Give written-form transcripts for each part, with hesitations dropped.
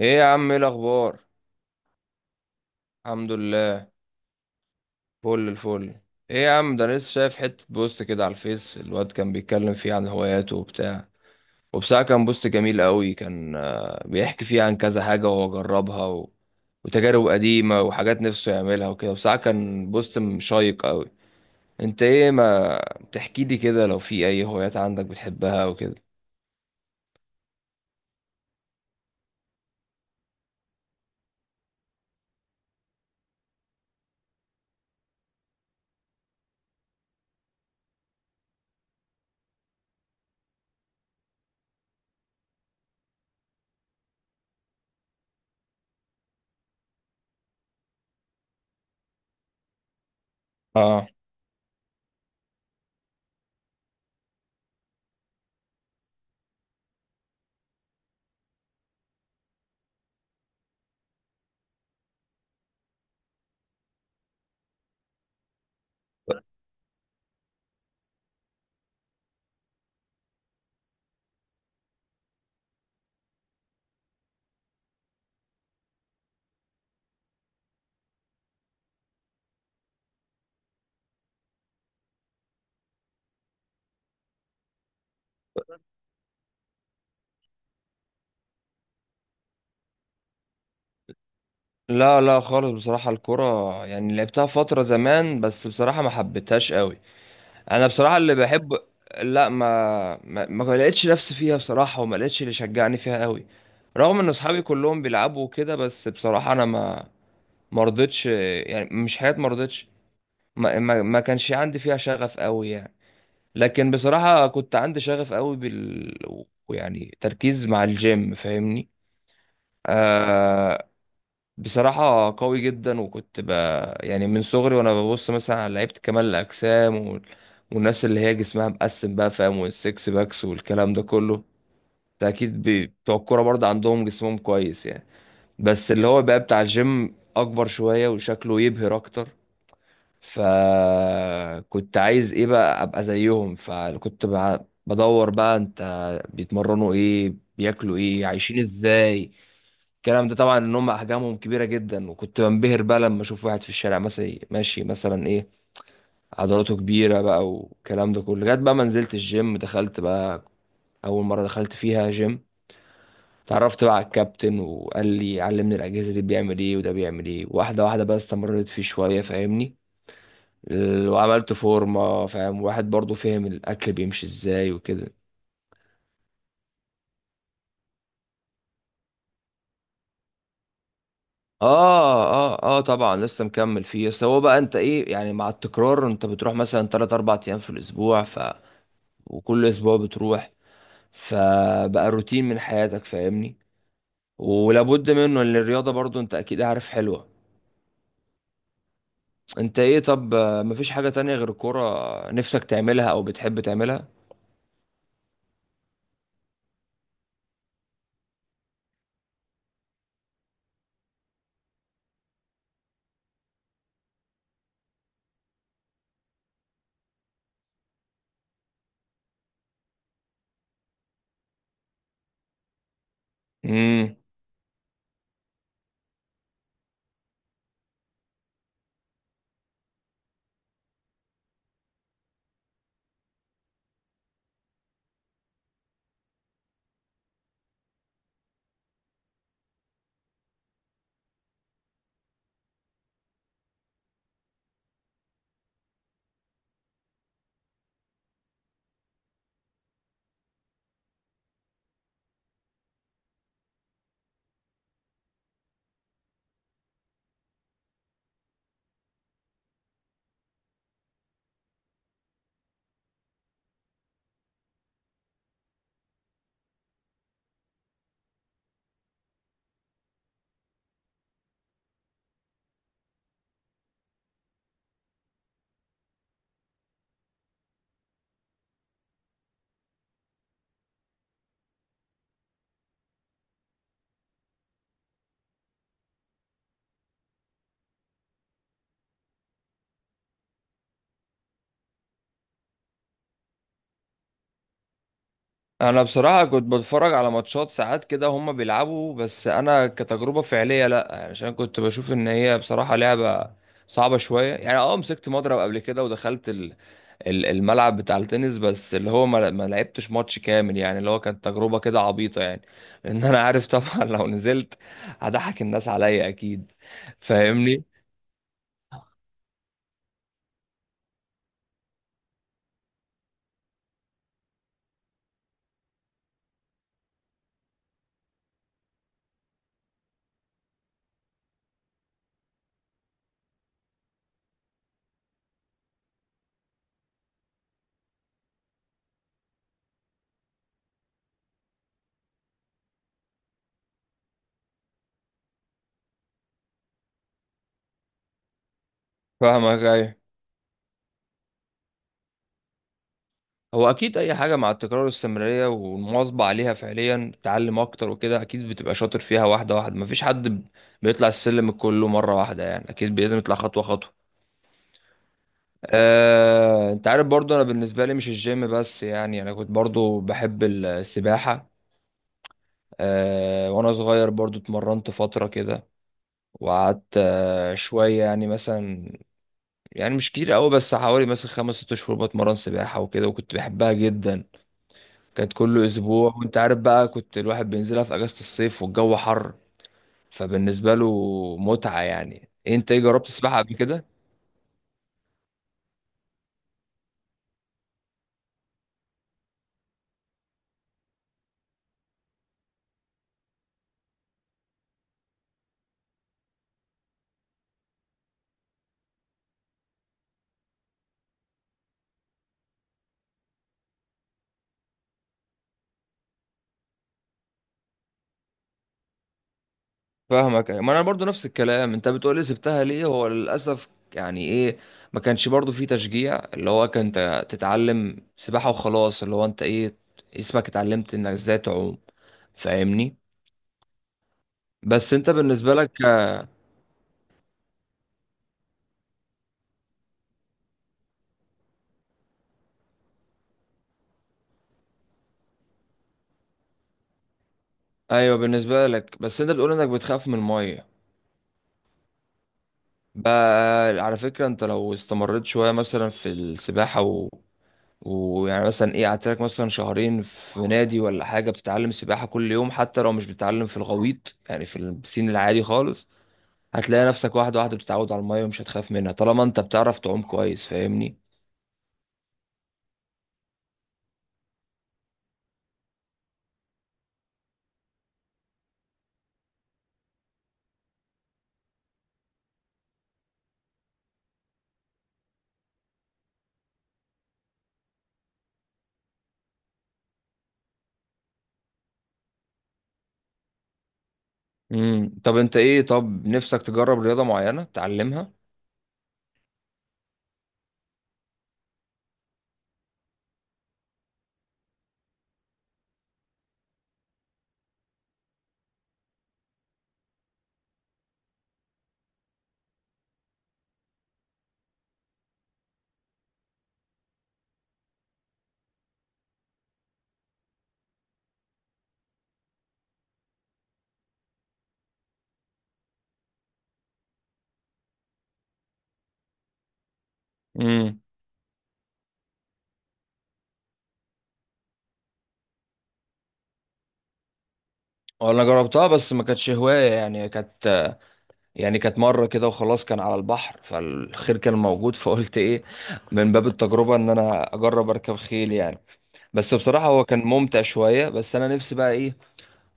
ايه يا عم، ايه الاخبار؟ الحمد لله. فل الفل. ايه يا عم، ده أنا لسه شايف حتة بوست كده على الفيس، الواد كان بيتكلم فيه عن هواياته وبتاع. وبصراحة كان بوست جميل قوي، كان بيحكي فيه عن كذا حاجة وهو جربها وتجارب قديمة وحاجات نفسه يعملها وكده. بصراحة كان بوست شيق قوي. انت ايه، ما تحكي لي كده لو في اي هوايات عندك بتحبها وكده؟ اه، لا خالص، بصراحة الكرة يعني لعبتها فترة زمان، بس بصراحة ما حبيتهاش قوي. انا بصراحه اللي بحب، لا ما لقيتش نفسي فيها بصراحه، وما لقيتش اللي شجعني فيها قوي. رغم ان اصحابي كلهم بيلعبوا كده، بس بصراحه انا ما رضيتش، يعني مش حياتي، ما رضيتش. ما كانش عندي فيها شغف قوي يعني. لكن بصراحه كنت عندي شغف قوي بال، ويعني تركيز مع الجيم، فاهمني؟ آه، بصراحة قوي جدا، وكنت يعني من صغري وانا ببص مثلا على لعيبة كمال الأجسام والناس اللي هي جسمها مقسم بقى، فاهم، والسكس باكس والكلام ده كله. ده أكيد بتوع الكورة برضه عندهم جسمهم كويس يعني، بس اللي هو بقى بتاع الجيم أكبر شوية وشكله يبهر أكتر. فكنت عايز إيه بقى، أبقى زيهم، فكنت بدور بقى، أنت بيتمرنوا إيه، بياكلوا إيه، عايشين إزاي. الكلام ده طبعا، ان هم احجامهم كبيره جدا، وكنت بنبهر بقى لما اشوف واحد في الشارع مثلا ماشي مثلا ايه، عضلاته كبيره بقى والكلام ده كله، لغايه بقى ما نزلت الجيم، دخلت بقى اول مره دخلت فيها جيم، اتعرفت بقى على الكابتن وقال لي علمني الاجهزه دي بيعمل ايه وده بيعمل ايه واحده واحده، بقى استمريت فيه شويه فاهمني. وعملت فورمه، فاهم، واحد برضو، فهم الاكل بيمشي ازاي وكده. اه اه اه، طبعا لسه مكمل فيه. بس هو بقى انت ايه يعني، مع التكرار انت بتروح مثلا 3 4 ايام في الاسبوع، وكل اسبوع بتروح، فبقى روتين من حياتك فاهمني، ولابد منه ان الرياضة، برضو انت اكيد عارف، حلوة. انت ايه طب، مفيش حاجة تانية غير الكورة نفسك تعملها او بتحب تعملها؟ امم، انا بصراحة كنت بتفرج على ماتشات ساعات كده هما بيلعبوا، بس انا كتجربة فعلية لا يعني، عشان كنت بشوف ان هي بصراحة لعبة صعبة شوية يعني. اه، مسكت مضرب قبل كده ودخلت الملعب بتاع التنس، بس اللي هو ما لعبتش ماتش كامل يعني، اللي هو كانت تجربة كده عبيطة يعني لأن أنا عارف طبعا لو نزلت هضحك الناس عليا أكيد، فاهمني؟ فاهمك، أيوة. هو أكيد أي حاجة مع التكرار والاستمرارية والمواظبة عليها فعليا تعلم أكتر وكده، أكيد بتبقى شاطر فيها واحدة واحدة. مفيش حد بيطلع السلم كله مرة واحدة يعني، أكيد لازم يطلع خطوة خطوة. انت عارف برضو انا بالنسبه لي مش الجيم بس يعني، انا كنت برضو بحب السباحه. وانا صغير برضو اتمرنت فترة كده، وقعدت شوية يعني مثلا، يعني مش كتير قوي، بس حوالي مثلا 5 6 شهور بتمرن سباحة وكده، وكنت بحبها جدا. كانت كل اسبوع، وانت عارف بقى، كنت الواحد بينزلها في اجازة الصيف والجو حر، فبالنسبة له متعة يعني. انت ايه، جربت السباحة قبل كده؟ فاهمك، ما انا برضو نفس الكلام انت بتقولي، سبتها ليه؟ هو للاسف يعني ايه، ما كانش برضو في تشجيع، اللي هو كان تتعلم سباحة وخلاص، اللي هو انت ايه، اسمك، اتعلمت انك ازاي تعوم فاهمني. بس انت بالنسبة لك ايوه بالنسبة لك، بس انت بتقول انك بتخاف من المية بقى. على فكرة انت لو استمريت شوية مثلا في السباحة، ويعني مثلا ايه، قعدت لك مثلا شهرين في نادي ولا حاجه بتتعلم سباحه كل يوم، حتى لو مش بتتعلم في الغويط، يعني في البسين العادي خالص، هتلاقي نفسك واحده واحده بتتعود على الميه، ومش هتخاف منها طالما انت بتعرف تعوم كويس فاهمني. امم، طب انت ايه، طب نفسك تجرب رياضه معينه تتعلمها؟ امم، انا جربتها بس ما كانتش هوايه يعني، كانت يعني كانت مره كده وخلاص. كان على البحر، فالخير كان موجود، فقلت ايه، من باب التجربه، ان انا اجرب اركب خيل يعني. بس بصراحة هو كان ممتع شوية، بس أنا نفسي بقى إيه،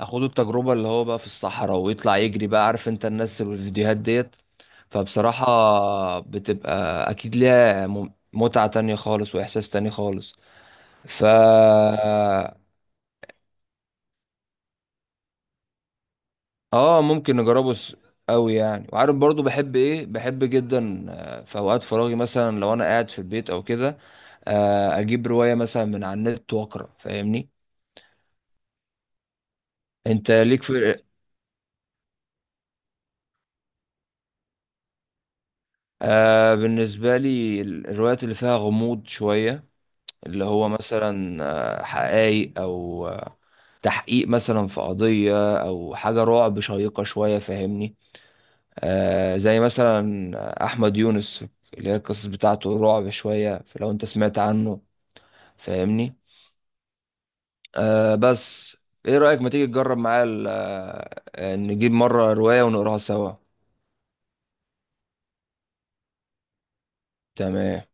أخد التجربة اللي هو بقى في الصحراء ويطلع يجري بقى، عارف أنت، الناس اللي في الفيديوهات ديت. فبصراحة بتبقى أكيد ليها متعة تانية خالص وإحساس تاني خالص، فا آه ممكن نجربه أوي يعني. وعارف برضو بحب إيه، بحب جدا في أوقات فراغي مثلا لو أنا قاعد في البيت أو كده، أجيب رواية مثلا من على النت وأقرأ فاهمني. أنت ليك في، آه بالنسبة لي الروايات اللي فيها غموض شوية، اللي هو مثلا حقايق أو تحقيق مثلا في قضية، أو حاجة رعب شيقة شوية فاهمني. آه زي مثلا أحمد يونس، اللي هي القصص بتاعته رعب شوية لو أنت سمعت عنه، فاهمني. آه بس إيه رأيك، ما تيجي تجرب معايا نجيب مرة رواية ونقراها سوا؟ تمام.